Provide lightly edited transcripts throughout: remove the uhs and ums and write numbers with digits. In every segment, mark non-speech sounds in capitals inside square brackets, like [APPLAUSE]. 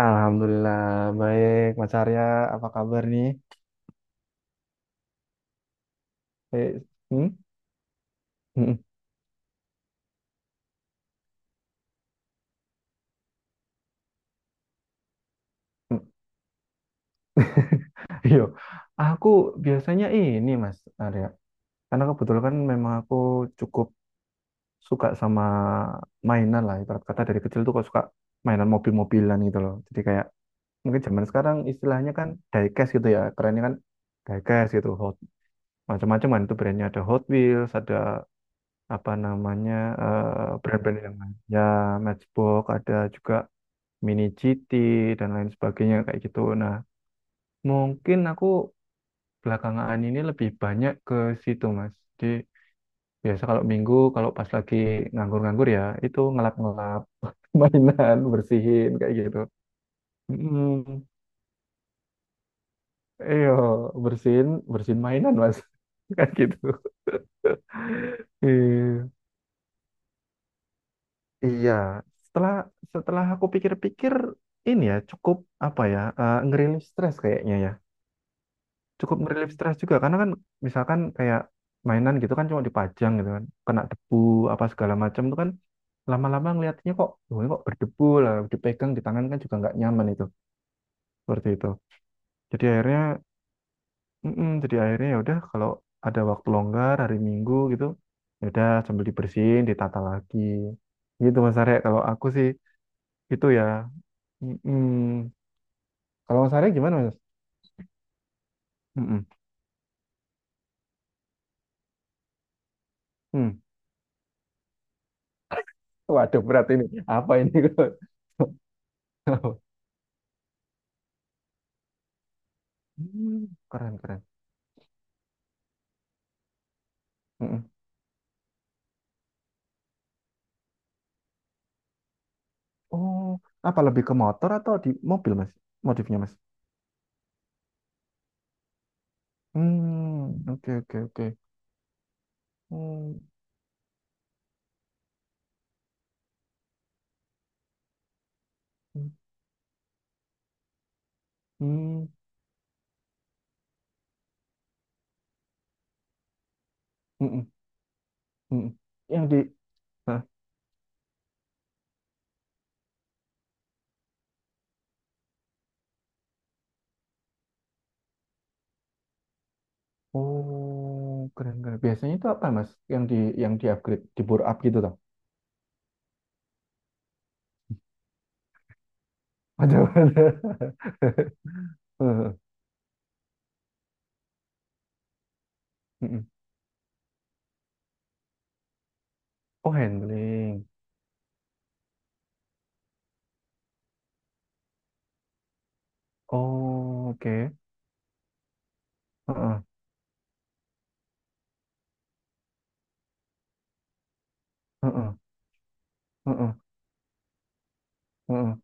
Alhamdulillah, baik Mas Arya, apa kabar nih? Eh, hmm? Hmm. [LAUGHS] Yo, aku biasanya ini Mas Arya, karena kebetulan kan memang aku cukup suka sama mainan lah, ibarat kata dari kecil tuh kok suka mainan mobil-mobilan gitu loh, jadi kayak mungkin zaman sekarang istilahnya kan diecast gitu ya, kerennya kan diecast gitu. Hot, macam-macam kan itu brandnya, ada Hot Wheels, ada apa namanya, brand-brand yang lain ya, Matchbox ada juga, mini GT, dan lain sebagainya kayak gitu. Nah, mungkin aku belakangan ini lebih banyak ke situ, Mas. Jadi biasa kalau Minggu, kalau pas lagi nganggur-nganggur ya, itu ngelap-ngelap [LAUGHS] mainan, bersihin kayak gitu. Hmm, iya, bersihin, bersihin mainan, Mas. [LAUGHS] Kayak gitu. [LAUGHS] Iya, iya. setelah setelah aku pikir-pikir, ini ya cukup apa ya, ngerilis stres kayaknya ya. Cukup ngerilis stres juga, karena kan misalkan kayak mainan gitu kan cuma dipajang gitu kan kena debu apa segala macam itu kan lama-lama ngeliatnya kok, "Loh, ini kok berdebu lah, dipegang di tangan kan juga nggak nyaman." Itu seperti itu, jadi akhirnya mm-mm, jadi akhirnya ya udah kalau ada waktu longgar hari Minggu gitu, ya udah sambil dibersihin ditata lagi gitu, Mas Arya, kalau aku sih itu ya. Mm-mm. Kalau Mas Arya gimana Mas? Mm-mm. Hmm. Waduh, berat ini. Apa ini? [LAUGHS] Hmm, keren keren. Mm-mm. Oh, apa lebih ke motor atau di mobil mas? Modifnya mas? Hmm, oke oke oke. Hmm, hmm, mm-mm, mm-mm. Yang di, hah? Oh, keren keren. Biasanya itu apa mas? Yang di upgrade, di bore up gitu toh? Ada ada. [LAUGHS] Heeh, mm-mm. Oh, handling. Oh, oke. Heeh, heeh, heeh, heeh, heeh.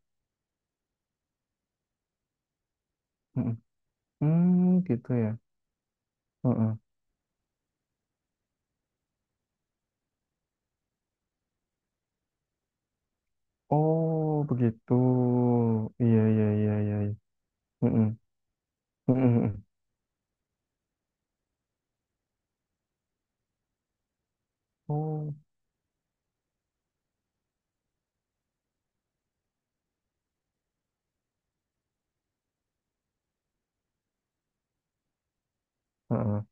Hmm, hmm, gitu ya. Heeh. Oh, begitu. Iya, iya, iya, iya, iya. Mm-mm. Mm-mm, mm-mm. Oh, heeh.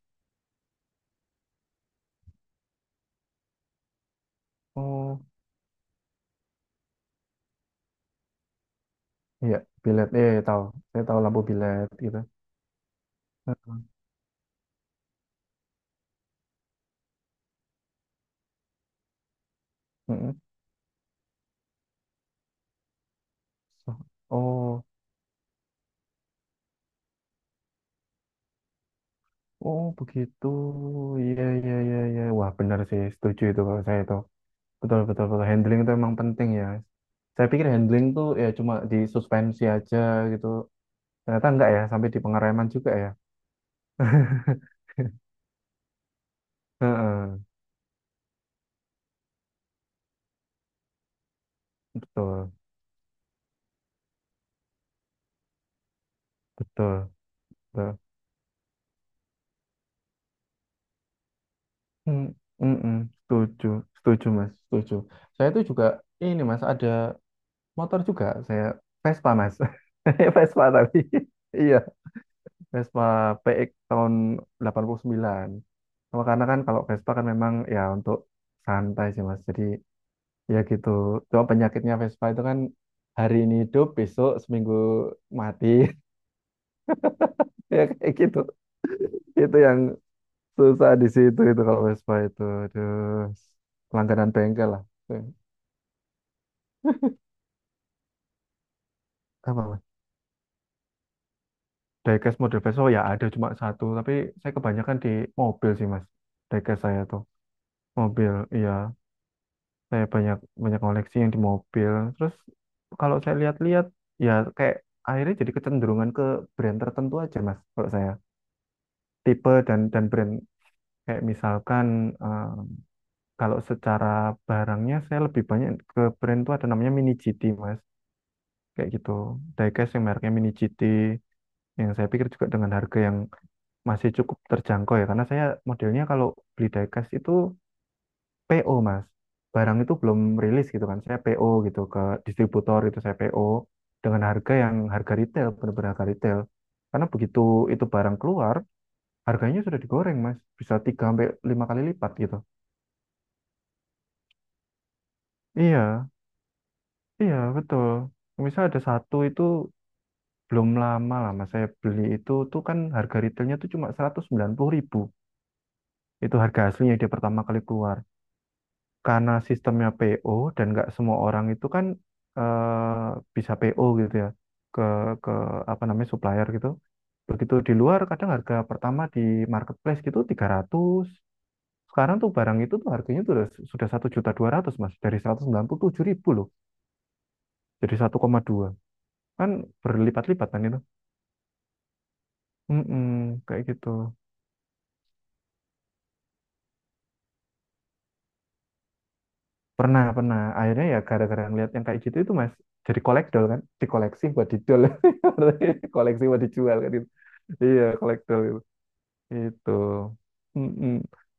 Oh, iya, bilet. Iya, iya, tahu. Saya tahu labu bilet gitu. Heeh. Mm-mm. So- Oh, oh, begitu. Iya, iya, iya, iya. Wah, benar sih. Setuju itu kalau saya itu. Betul, betul, betul. Handling itu emang penting ya. Saya pikir handling tuh ya cuma di suspensi aja gitu. Ternyata enggak ya, sampai di pengereman juga ya. [LAUGHS] Heeh, betul, betul, betul. Hmm, mm-mm, setuju, setuju mas, setuju. Saya itu juga ini mas, ada motor juga, saya Vespa mas. [LAUGHS] Saya Vespa, tapi [LAUGHS] iya, Vespa PX tahun 89. Cuma karena kan kalau Vespa kan memang ya untuk santai sih mas, jadi ya gitu. Cuma penyakitnya Vespa itu kan hari ini hidup, besok seminggu mati, [LAUGHS] ya kayak gitu. Itu yang susah di situ itu kalau Vespa itu, aduh, langganan bengkel lah. Apa mas, diecast model Vespa ya ada cuma satu, tapi saya kebanyakan di mobil sih mas. Diecast saya tuh mobil, iya, saya banyak banyak koleksi yang di mobil. Terus kalau saya lihat-lihat ya kayak akhirnya jadi kecenderungan ke brand tertentu aja mas, kalau saya, tipe dan brand kayak misalkan, eh, kalau secara barangnya saya lebih banyak ke brand tuh, ada namanya Mini GT mas, kayak gitu. Diecast yang mereknya Mini GT, yang saya pikir juga dengan harga yang masih cukup terjangkau ya, karena saya modelnya kalau beli diecast itu PO mas, barang itu belum rilis gitu kan, saya PO gitu ke distributor, itu saya PO dengan harga yang harga retail, benar-benar harga retail. Karena begitu itu barang keluar, harganya sudah digoreng mas, bisa 3 sampai 5 kali lipat gitu. Iya, iya betul. Misal ada satu itu belum lama lah mas, saya beli itu, tuh kan harga retailnya tuh cuma 190.000. Itu harga aslinya dia pertama kali keluar. Karena sistemnya PO, dan nggak semua orang itu kan, eh, bisa PO gitu ya, ke ke apa namanya, supplier gitu. Begitu di luar kadang harga pertama di marketplace gitu 300. Sekarang tuh barang itu tuh harganya tuh udah, sudah 1.200.000 Mas, dari 197.000 loh. Jadi 1,2 kan, berlipat-lipat kan itu. Mm-mm, kayak gitu. Pernah, pernah. Akhirnya ya gara-gara ngeliat yang kayak gitu itu Mas, jadi kolekdol kan, dikoleksi buat dijual. [LAUGHS] Koleksi buat dijual kan gitu. Iya, kolektor itu. Itu. Mm-mm.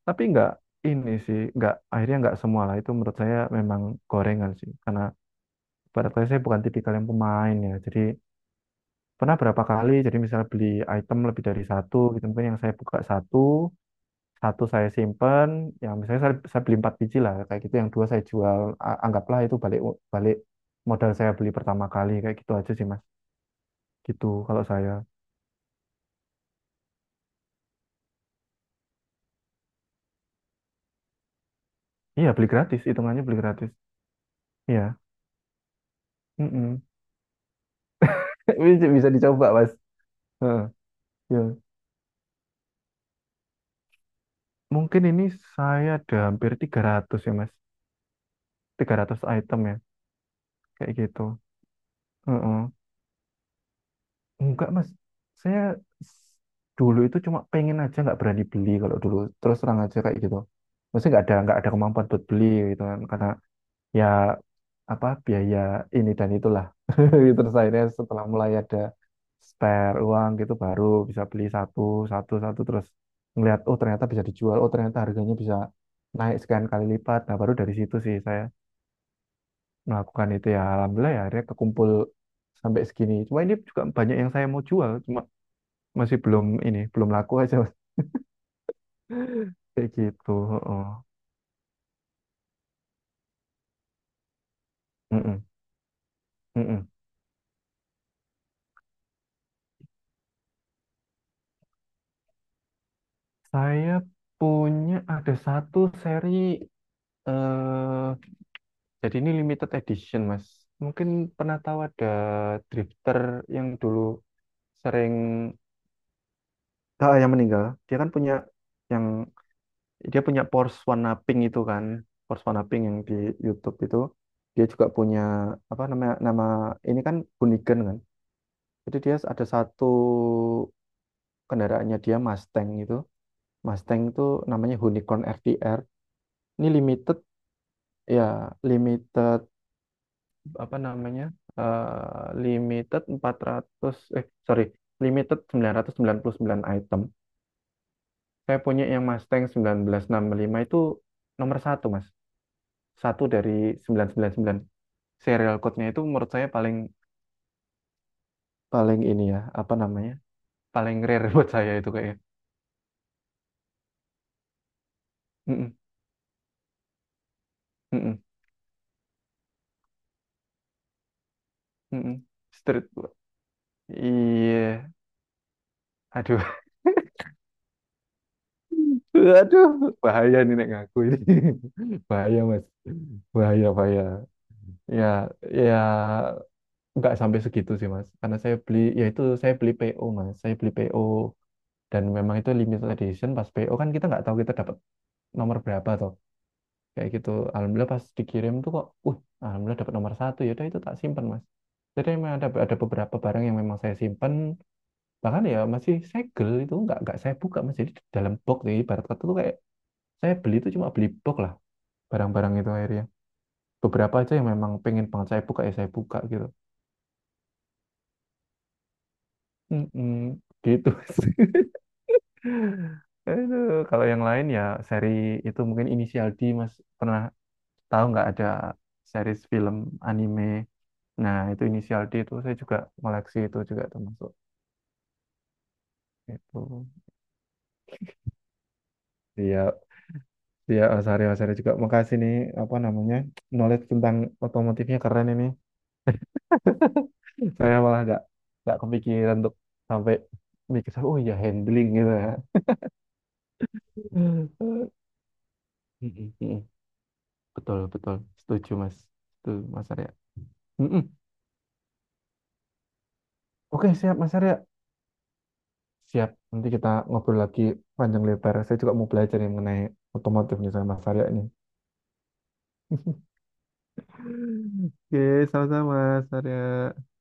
Tapi nggak ini sih, nggak akhirnya nggak semua lah. Itu menurut saya memang gorengan sih, karena pada saya bukan tipikal yang pemain ya. Jadi pernah berapa kali, jadi misalnya beli item lebih dari satu gitu, mungkin yang saya buka satu, satu saya simpen, yang misalnya saya beli empat biji lah, kayak gitu, yang dua saya jual, anggaplah itu balik balik modal, saya beli pertama kali kayak gitu aja sih Mas. Gitu kalau saya. Iya, beli gratis, hitungannya beli gratis. Iya. Mm-mm. [LAUGHS] Bisa, bisa dicoba, Mas. Heeh, ya. Mungkin ini saya ada hampir 300 ya, Mas. 300 item ya, kayak gitu. Heeh. Enggak, Mas. Saya s- dulu itu cuma pengen aja, nggak berani beli kalau dulu. Terus terang aja kayak gitu. Maksudnya nggak ada kemampuan buat beli gitu kan. Karena ya apa, biaya ini dan itulah, [LAUGHS] terus akhirnya setelah mulai ada spare uang gitu, baru bisa beli satu satu satu, terus ngelihat oh ternyata bisa dijual, oh ternyata harganya bisa naik sekian kali lipat, nah baru dari situ sih saya melakukan itu ya, alhamdulillah ya, akhirnya kekumpul sampai segini. Cuma ini juga banyak yang saya mau jual, cuma masih belum ini, belum laku [LAUGHS] aja Mas. Kayak gitu. Heeh. Mm-mm. Mm-mm. Saya punya, ada satu seri, eh jadi ini limited edition, Mas. Mungkin pernah tahu, ada drifter yang dulu sering, ah, yang meninggal. Dia kan punya, yang dia punya Porsche warna pink itu kan. Porsche warna pink yang di YouTube itu. Dia juga punya apa namanya, nama ini kan Hunigan kan. Jadi dia ada satu kendaraannya dia Mustang itu. Mustang itu namanya Unicorn FTR. Ini limited ya, limited apa namanya, limited 400, eh sorry limited sembilan sembilan ratus sembilan puluh sembilan item. Saya punya yang Mustang 1965 itu nomor satu mas, satu dari 999. Serial code-nya itu menurut saya paling paling ini ya apa namanya, paling rare [LAUGHS] buat saya itu kayaknya. Mm-mm, mm-mm, mm-mm. Street iya, aduh, [LAUGHS] aduh, bahaya nih nek ngaku ini, [LAUGHS] bahaya mas, bahaya bahaya, ya ya, nggak sampai segitu sih mas, karena saya beli ya itu, saya beli PO mas, saya beli PO. Dan memang itu limited edition, pas PO kan kita nggak tahu kita dapat nomor berapa toh, kayak gitu. Alhamdulillah pas dikirim tuh kok, alhamdulillah dapat nomor satu. Ya udah itu tak simpan mas, jadi memang ada beberapa barang yang memang saya simpan, bahkan ya masih segel itu nggak saya buka mas. Jadi dalam box nih, ibarat kata tuh kayak saya beli itu cuma beli box lah. Barang-barang itu akhirnya beberapa aja yang memang pengen banget saya buka, ya saya buka gitu. Mm-mm, gitu [LAUGHS] sih. Aduh, kalau yang lain ya seri itu mungkin Inisial D Mas, pernah tahu nggak, ada series film anime. Nah, itu Inisial D itu saya juga koleksi, itu juga termasuk itu. Iya, iya Osari Osari juga makasih nih, apa namanya, knowledge tentang otomotifnya keren ini. Saya malah nggak kepikiran untuk sampai mikir oh iya handling gitu ya. [LAUGHS] Mm, mm, mm. Betul, betul. Setuju Mas. Itu Mas Arya. Mm, mm. Oke, siap Mas Arya. Siap. Nanti kita ngobrol lagi panjang lebar. Saya juga mau belajar yang mengenai otomotif nih sama Mas Arya ini. [LAUGHS] Oke, sama-sama Mas Arya.